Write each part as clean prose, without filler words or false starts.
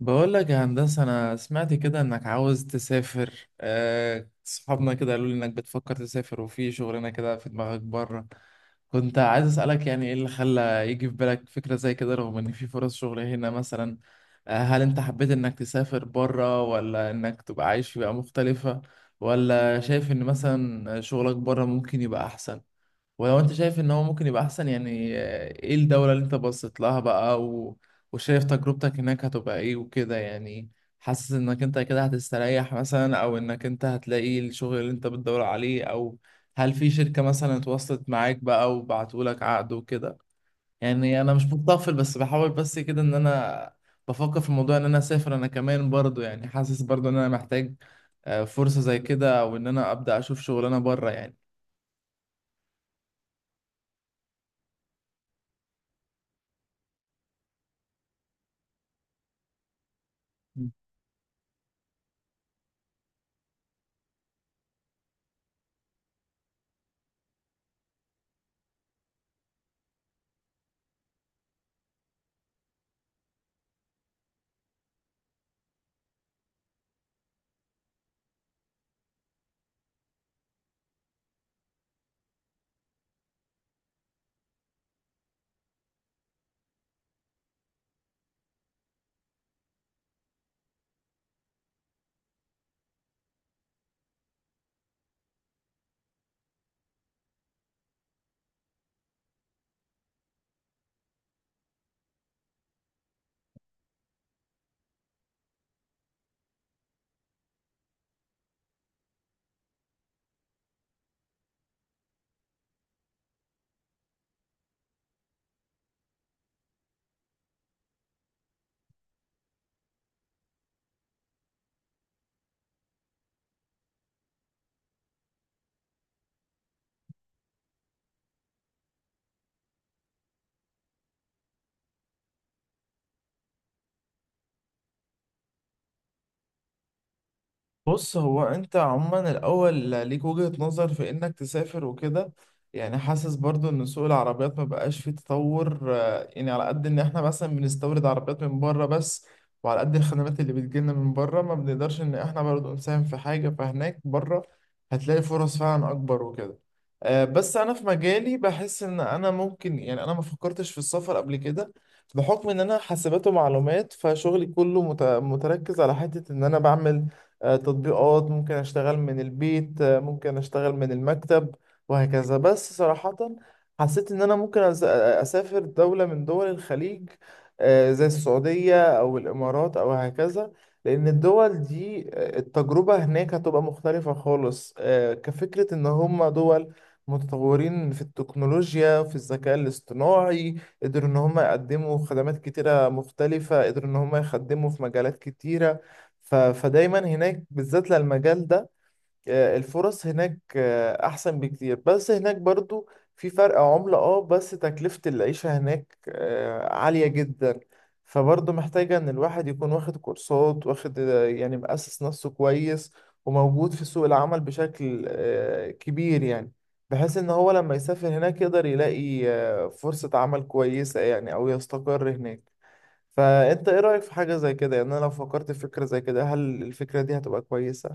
بقول لك يا هندسة، أنا سمعت كده إنك عاوز تسافر. صحابنا كده قالوا لي إنك بتفكر تسافر وفي شغلنا كده في دماغك بره. كنت عايز أسألك يعني إيه اللي خلى يجي في بالك فكرة زي كده رغم إن في فرص شغل هنا مثلا. هل أنت حبيت إنك تسافر بره، ولا إنك تبقى عايش في بيئة مختلفة؟ ولا شايف إن مثلا شغلك بره ممكن يبقى أحسن؟ ولو انت شايف ان هو ممكن يبقى احسن، يعني ايه الدولة اللي انت بصيت لها بقى وشايف تجربتك هناك هتبقى ايه وكده؟ يعني حاسس انك انت كده هتستريح مثلا، او انك انت هتلاقي الشغل اللي انت بتدور عليه؟ او هل في شركة مثلا اتواصلت معاك بقى وبعتولك عقد وكده؟ يعني انا مش متطفل، بس بحاول بس كده ان انا بفكر في الموضوع ان انا اسافر انا كمان برضو. يعني حاسس برضو ان انا محتاج فرصة زي كده، او ان انا ابدا اشوف شغلانة بره يعني. بص، هو انت عموما الاول ليك وجهة نظر في انك تسافر وكده. يعني حاسس برضو ان سوق العربيات ما بقاش فيه تطور، يعني على قد ان احنا مثلا بنستورد عربيات من بره بس، وعلى قد الخدمات اللي بتجيلنا من بره ما بنقدرش ان احنا برضو نساهم في حاجة، فهناك بره هتلاقي فرص فعلا اكبر وكده. بس انا في مجالي بحس ان انا ممكن، يعني انا ما فكرتش في السفر قبل كده بحكم ان انا حاسبات ومعلومات، فشغلي كله متركز على حتة ان انا بعمل تطبيقات. ممكن اشتغل من البيت، ممكن اشتغل من المكتب وهكذا. بس صراحة حسيت ان انا ممكن اسافر دولة من دول الخليج، زي السعودية او الامارات او هكذا، لان الدول دي التجربة هناك هتبقى مختلفة خالص. كفكرة ان هم دول متطورين في التكنولوجيا، في الذكاء الاصطناعي، قدروا ان هم يقدموا خدمات كتيرة مختلفة، قدروا ان هم يخدموا في مجالات كتيرة. فدايما هناك بالذات للمجال ده الفرص هناك احسن بكتير. بس هناك برضو في فرق عملة، بس تكلفة العيشة هناك عالية جدا، فبرضو محتاجة ان الواحد يكون واخد كورسات، واخد يعني مؤسس نفسه كويس، وموجود في سوق العمل بشكل كبير يعني، بحيث ان هو لما يسافر هناك يقدر يلاقي فرصة عمل كويسة يعني، او يستقر هناك. فانت ايه رأيك في حاجة زي كده؟ يعني انا لو فكرت في فكرة زي كده، هل الفكرة دي هتبقى كويسة؟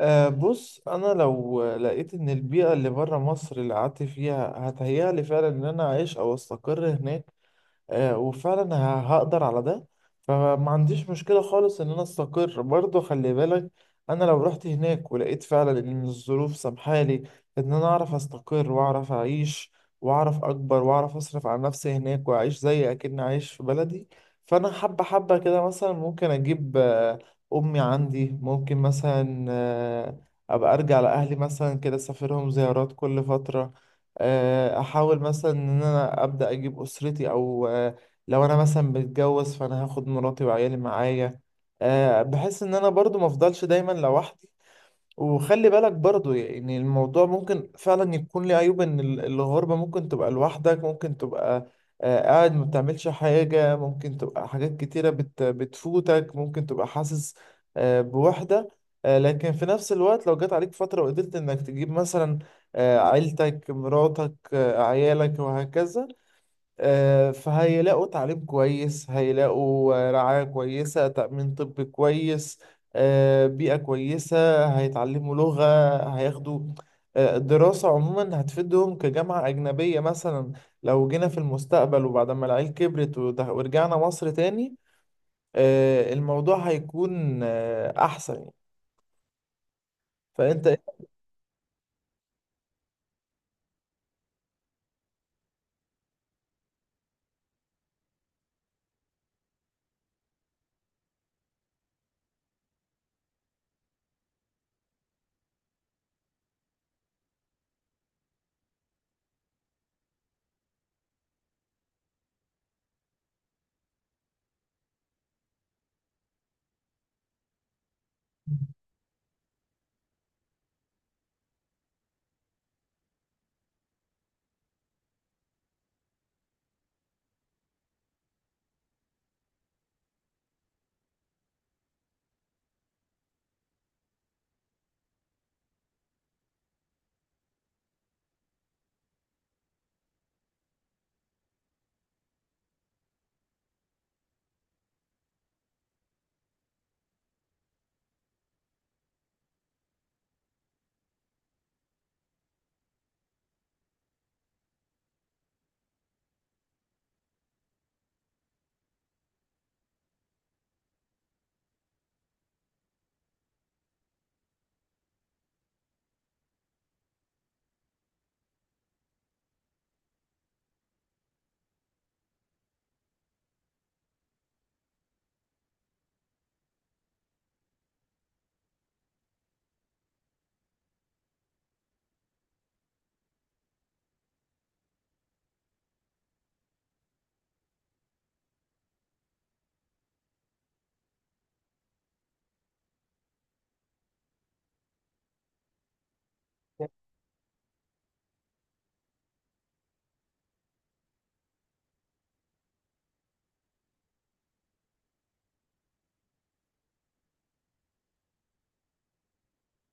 أه، بص، انا لو لقيت ان البيئة اللي بره مصر اللي قعدت فيها هتهيألي فعلا ان انا اعيش او استقر هناك، وفعلا هقدر على ده، فما عنديش مشكلة خالص ان انا استقر. برضه خلي بالك، انا لو رحت هناك ولقيت فعلا ان الظروف سامحالي ان انا اعرف استقر، واعرف اعيش، واعرف اكبر، واعرف اصرف على نفسي هناك، واعيش زي اكني عايش في بلدي، فانا حبة حبة كده مثلا ممكن اجيب امي عندي، ممكن مثلا ابقى ارجع لاهلي مثلا كده، اسافرهم زيارات كل فترة. احاول مثلا ان انا ابدا اجيب اسرتي، او لو انا مثلا متجوز فانا هاخد مراتي وعيالي معايا. بحس ان انا برضو ما افضلش دايما لوحدي. وخلي بالك برضو، يعني الموضوع ممكن فعلا يكون ليه عيوب، ان الغربة ممكن تبقى لوحدك، ممكن تبقى قاعد ما بتعملش حاجة، ممكن تبقى حاجات كتيرة بتفوتك، ممكن تبقى حاسس بوحدة. لكن في نفس الوقت، لو جت عليك فترة وقدرت انك تجيب مثلا عيلتك، مراتك، عيالك وهكذا، فهيلاقوا تعليم كويس، هيلاقوا رعاية كويسة، تأمين طبي كويس، بيئة كويسة، هيتعلموا لغة، هياخدوا الدراسة عموما هتفيدهم كجامعة أجنبية مثلا. لو جينا في المستقبل، وبعد ما العيل كبرت ورجعنا مصر تاني، الموضوع هيكون أحسن يعني. فأنت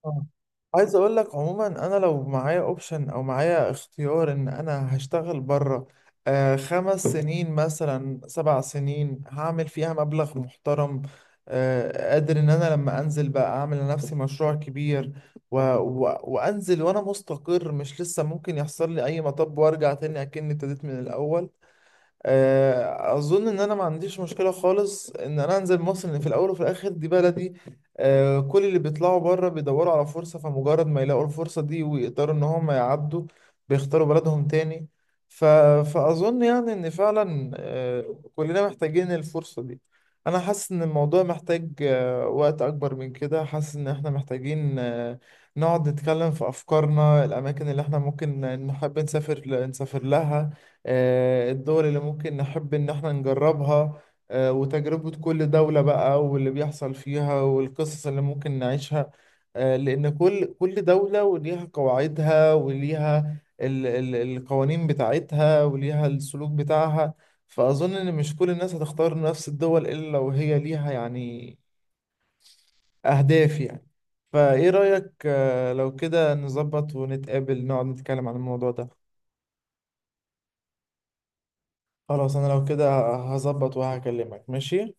آه. عايز اقول لك عموما، انا لو معايا اوبشن او معايا اختيار ان انا هشتغل بره خمس سنين مثلا، سبع سنين، هعمل فيها مبلغ محترم، قادر ان انا لما انزل بقى اعمل لنفسي مشروع كبير، و و وانزل وانا مستقر، مش لسه ممكن يحصل لي اي مطب وارجع تاني اكني ابتديت من الاول. اظن ان انا ما عنديش مشكله خالص ان انا انزل مصر، لان في الاول وفي الاخر دي بلدي. كل اللي بيطلعوا بره بيدوروا على فرصه، فمجرد ما يلاقوا الفرصه دي ويقدروا ان هم يعدوا بيختاروا بلدهم تاني. ف... فاظن يعني ان فعلا كلنا محتاجين الفرصه دي. انا حاسس ان الموضوع محتاج وقت اكبر من كده. حاسس ان احنا محتاجين نقعد نتكلم في افكارنا، الاماكن اللي احنا ممكن نحب نسافر لها، الدول اللي ممكن نحب إن احنا نجربها، وتجربة كل دولة بقى، واللي بيحصل فيها، والقصص اللي ممكن نعيشها، لأن كل دولة وليها قواعدها وليها ال القوانين بتاعتها وليها السلوك بتاعها. فأظن إن مش كل الناس هتختار نفس الدول، إلا لو هي ليها يعني أهداف يعني. فإيه رأيك لو كده نظبط ونتقابل، نقعد نتكلم عن الموضوع ده؟ خلاص، انا لو كده هظبط وهكلمك. ماشي.